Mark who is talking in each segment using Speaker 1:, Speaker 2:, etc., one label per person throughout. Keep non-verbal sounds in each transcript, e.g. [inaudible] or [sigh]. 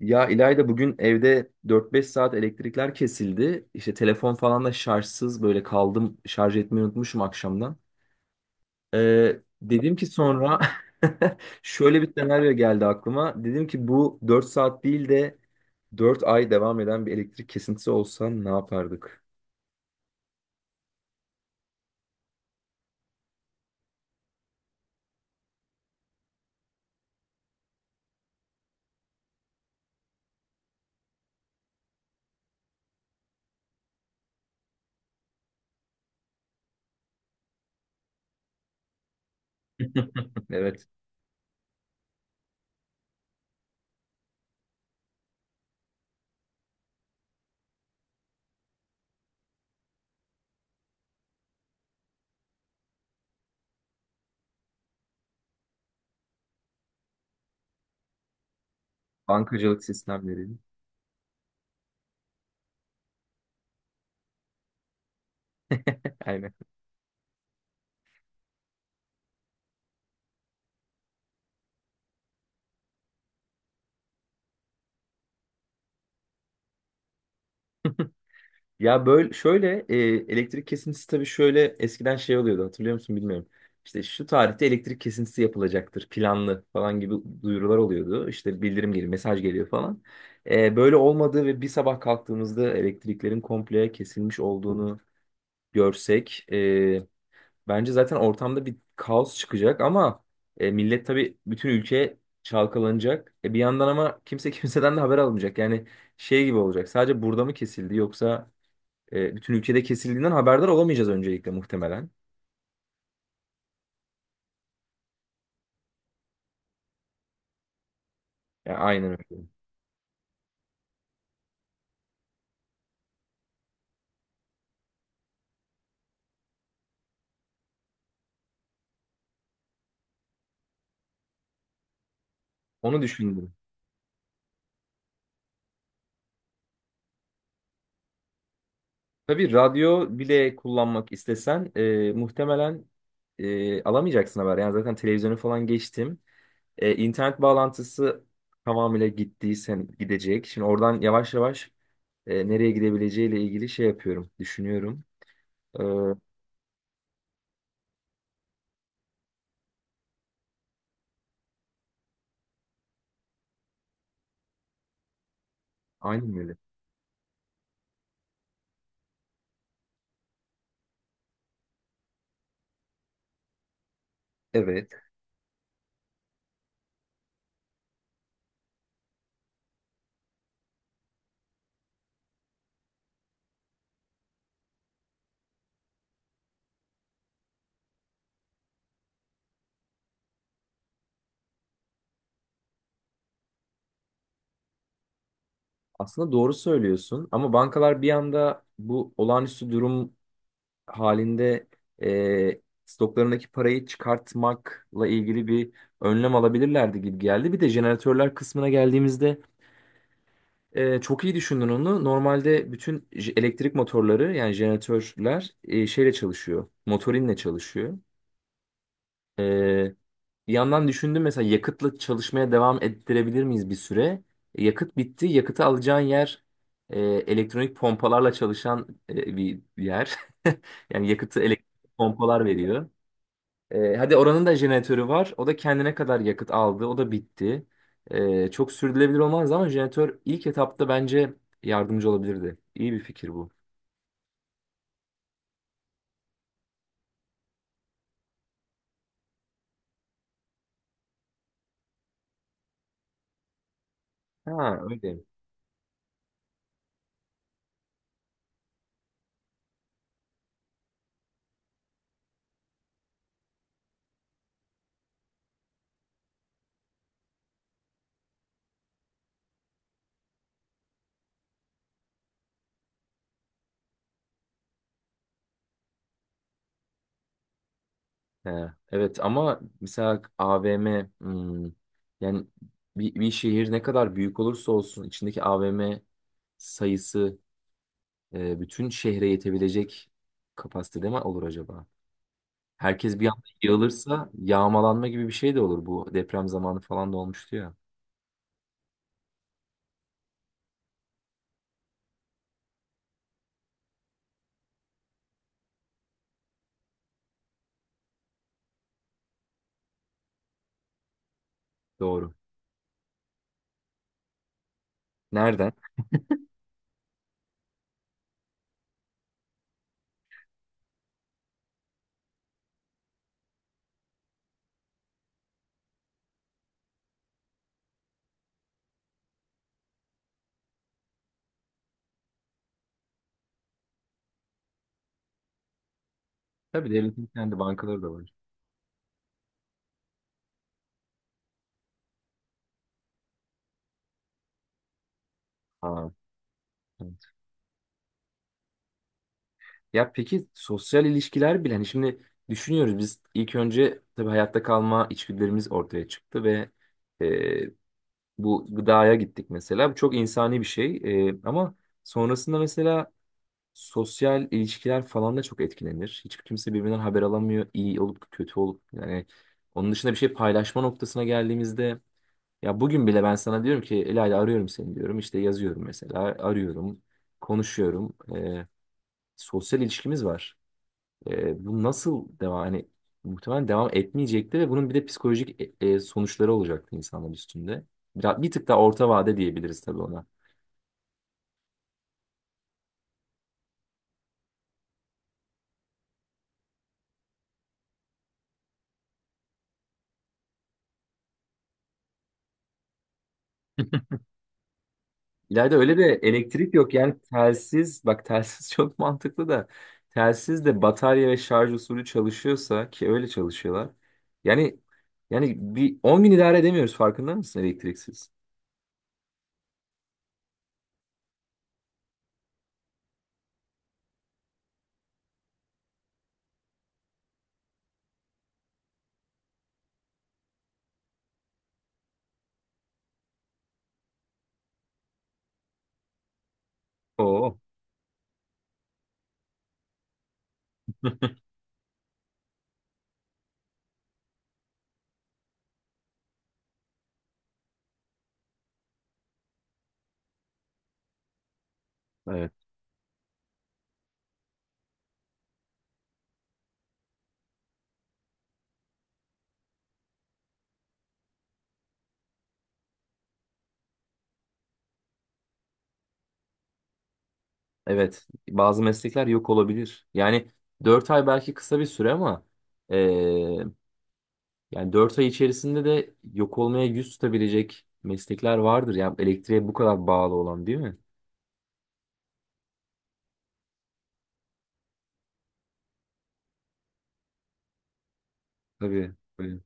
Speaker 1: Ya İlayda bugün evde dört beş saat elektrikler kesildi. İşte telefon falan da şarjsız böyle kaldım. Şarj etmeyi unutmuşum akşamdan. Dedim ki sonra [laughs] şöyle bir senaryo geldi aklıma. Dedim ki bu 4 saat değil de 4 ay devam eden bir elektrik kesintisi olsa ne yapardık? [laughs] Evet. Bankacılık sistemleri. Aynen. [laughs] Ya böyle şöyle elektrik kesintisi tabii şöyle eskiden şey oluyordu hatırlıyor musun bilmiyorum. İşte şu tarihte elektrik kesintisi yapılacaktır planlı falan gibi duyurular oluyordu. İşte bildirim geliyor, mesaj geliyor falan. E, böyle olmadığı ve bir sabah kalktığımızda elektriklerin komple kesilmiş olduğunu görsek, bence zaten ortamda bir kaos çıkacak ama millet tabii bütün ülke çalkalanacak. E, bir yandan ama kimse [laughs] kimseden de haber almayacak. Yani şey gibi olacak. Sadece burada mı kesildi yoksa bütün ülkede kesildiğinden haberdar olamayacağız öncelikle muhtemelen. Yani aynen öyle. Onu düşündüm. Tabii radyo bile kullanmak istesen muhtemelen alamayacaksın haber. Yani zaten televizyonu falan geçtim. E, internet bağlantısı tamamıyla gittiysen gidecek. Şimdi oradan yavaş yavaş nereye gidebileceğiyle ilgili şey yapıyorum, düşünüyorum. E, aynen öyle. Evet. Aslında doğru söylüyorsun ama bankalar bir anda bu olağanüstü durum halinde stoklarındaki parayı çıkartmakla ilgili bir önlem alabilirlerdi gibi geldi. Bir de jeneratörler kısmına geldiğimizde çok iyi düşündün onu. Normalde bütün elektrik motorları yani jeneratörler şeyle çalışıyor, motorinle çalışıyor. E, bir yandan düşündüm mesela yakıtla çalışmaya devam ettirebilir miyiz bir süre? Yakıt bitti, yakıtı alacağın yer elektronik pompalarla çalışan bir yer. [laughs] Yani yakıtı elektrik pompalar veriyor. Hadi oranın da jeneratörü var. O da kendine kadar yakıt aldı. O da bitti. Çok sürdürülebilir olmaz ama jeneratör ilk etapta bence yardımcı olabilirdi. İyi bir fikir bu. Ha öyle. He, evet ama mesela AVM hmm, yani bir şehir ne kadar büyük olursa olsun içindeki AVM sayısı bütün şehre yetebilecek kapasitede mi olur acaba? Herkes bir anda yığılırsa yağmalanma gibi bir şey de olur bu deprem zamanı falan da olmuştu ya. Doğru. Nereden? Tabii devletin kendi bankaları da var. Ha, evet. Ya peki sosyal ilişkiler bile hani şimdi düşünüyoruz biz ilk önce tabii hayatta kalma içgüdülerimiz ortaya çıktı ve e, bu gıdaya gittik mesela. Bu çok insani bir şey. E, ama sonrasında mesela sosyal ilişkiler falan da çok etkilenir. Hiçbir kimse birbirinden haber alamıyor iyi olup kötü olup yani onun dışında bir şey paylaşma noktasına geldiğimizde. Ya bugün bile ben sana diyorum ki Elayla arıyorum seni diyorum. İşte yazıyorum mesela. Arıyorum. Konuşuyorum. Sosyal ilişkimiz var. Bu nasıl devam? Hani muhtemelen devam etmeyecekti ve bunun bir de psikolojik sonuçları olacaktı insanlar üstünde. Biraz, bir tık daha orta vade diyebiliriz tabii ona. İlayda öyle de elektrik yok. Yani telsiz, bak telsiz [laughs] çok mantıklı da telsiz de batarya ve şarj usulü çalışıyorsa ki öyle çalışıyorlar. Yani yani bir 10 gün idare edemiyoruz farkında mısın elektriksiz? Oo. [laughs] Evet. Evet. Bazı meslekler yok olabilir. Yani 4 ay belki kısa bir süre ama eee, yani 4 ay içerisinde de yok olmaya yüz tutabilecek meslekler vardır. Yani elektriğe bu kadar bağlı olan değil mi? Tabii. Tabii.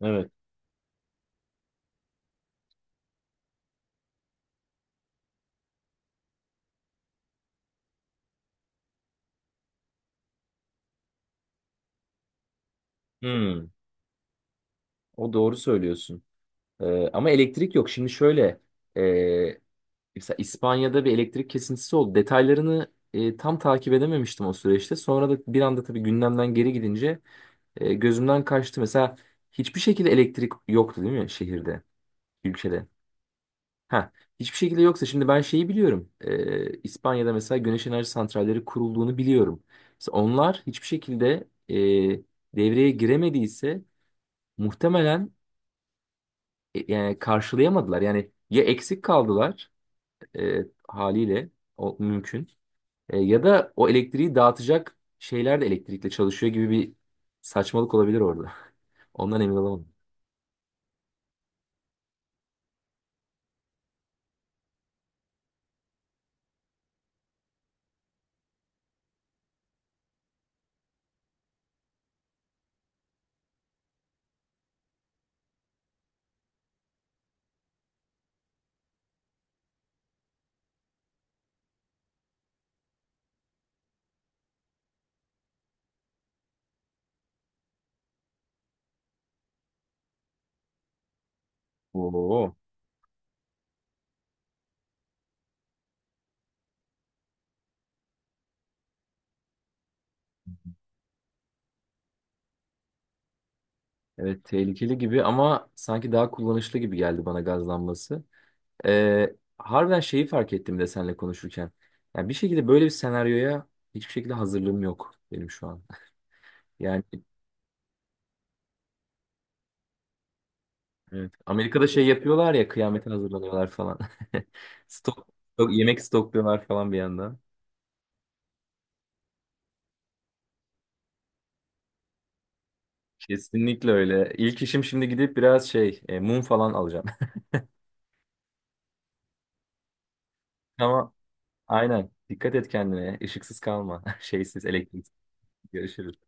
Speaker 1: Evet. Hmm. O doğru söylüyorsun. Ama elektrik yok. Şimdi şöyle. e, Mesela İspanya'da bir elektrik kesintisi oldu. Detaylarını tam takip edememiştim o süreçte. Sonra da bir anda tabii gündemden geri gidince gözümden kaçtı. Mesela hiçbir şekilde elektrik yoktu değil mi şehirde, ülkede? Ha, hiçbir şekilde yoksa şimdi ben şeyi biliyorum. E, İspanya'da mesela güneş enerji santralleri kurulduğunu biliyorum. Mesela onlar hiçbir şekilde devreye giremediyse muhtemelen yani karşılayamadılar. Yani ya eksik kaldılar e, haliyle o mümkün. E, ya da o elektriği dağıtacak şeyler de elektrikle çalışıyor gibi bir saçmalık olabilir orada. [laughs] Ondan emin olamadım. Oo. Evet, tehlikeli gibi ama sanki daha kullanışlı gibi geldi bana gazlanması. Harbiden şeyi fark ettim de seninle konuşurken. Yani bir şekilde böyle bir senaryoya hiçbir şekilde hazırlığım yok benim şu an. [laughs] Yani evet, Amerika'da şey yapıyorlar ya kıyamete hazırlanıyorlar falan. [laughs] Stok, yemek stokluyorlar falan bir yandan. Kesinlikle öyle. İlk işim şimdi gidip biraz şey mum falan alacağım. [laughs] Ama aynen dikkat et kendine. Işıksız kalma. [laughs] Şeysiz, elektriksiz. Görüşürüz.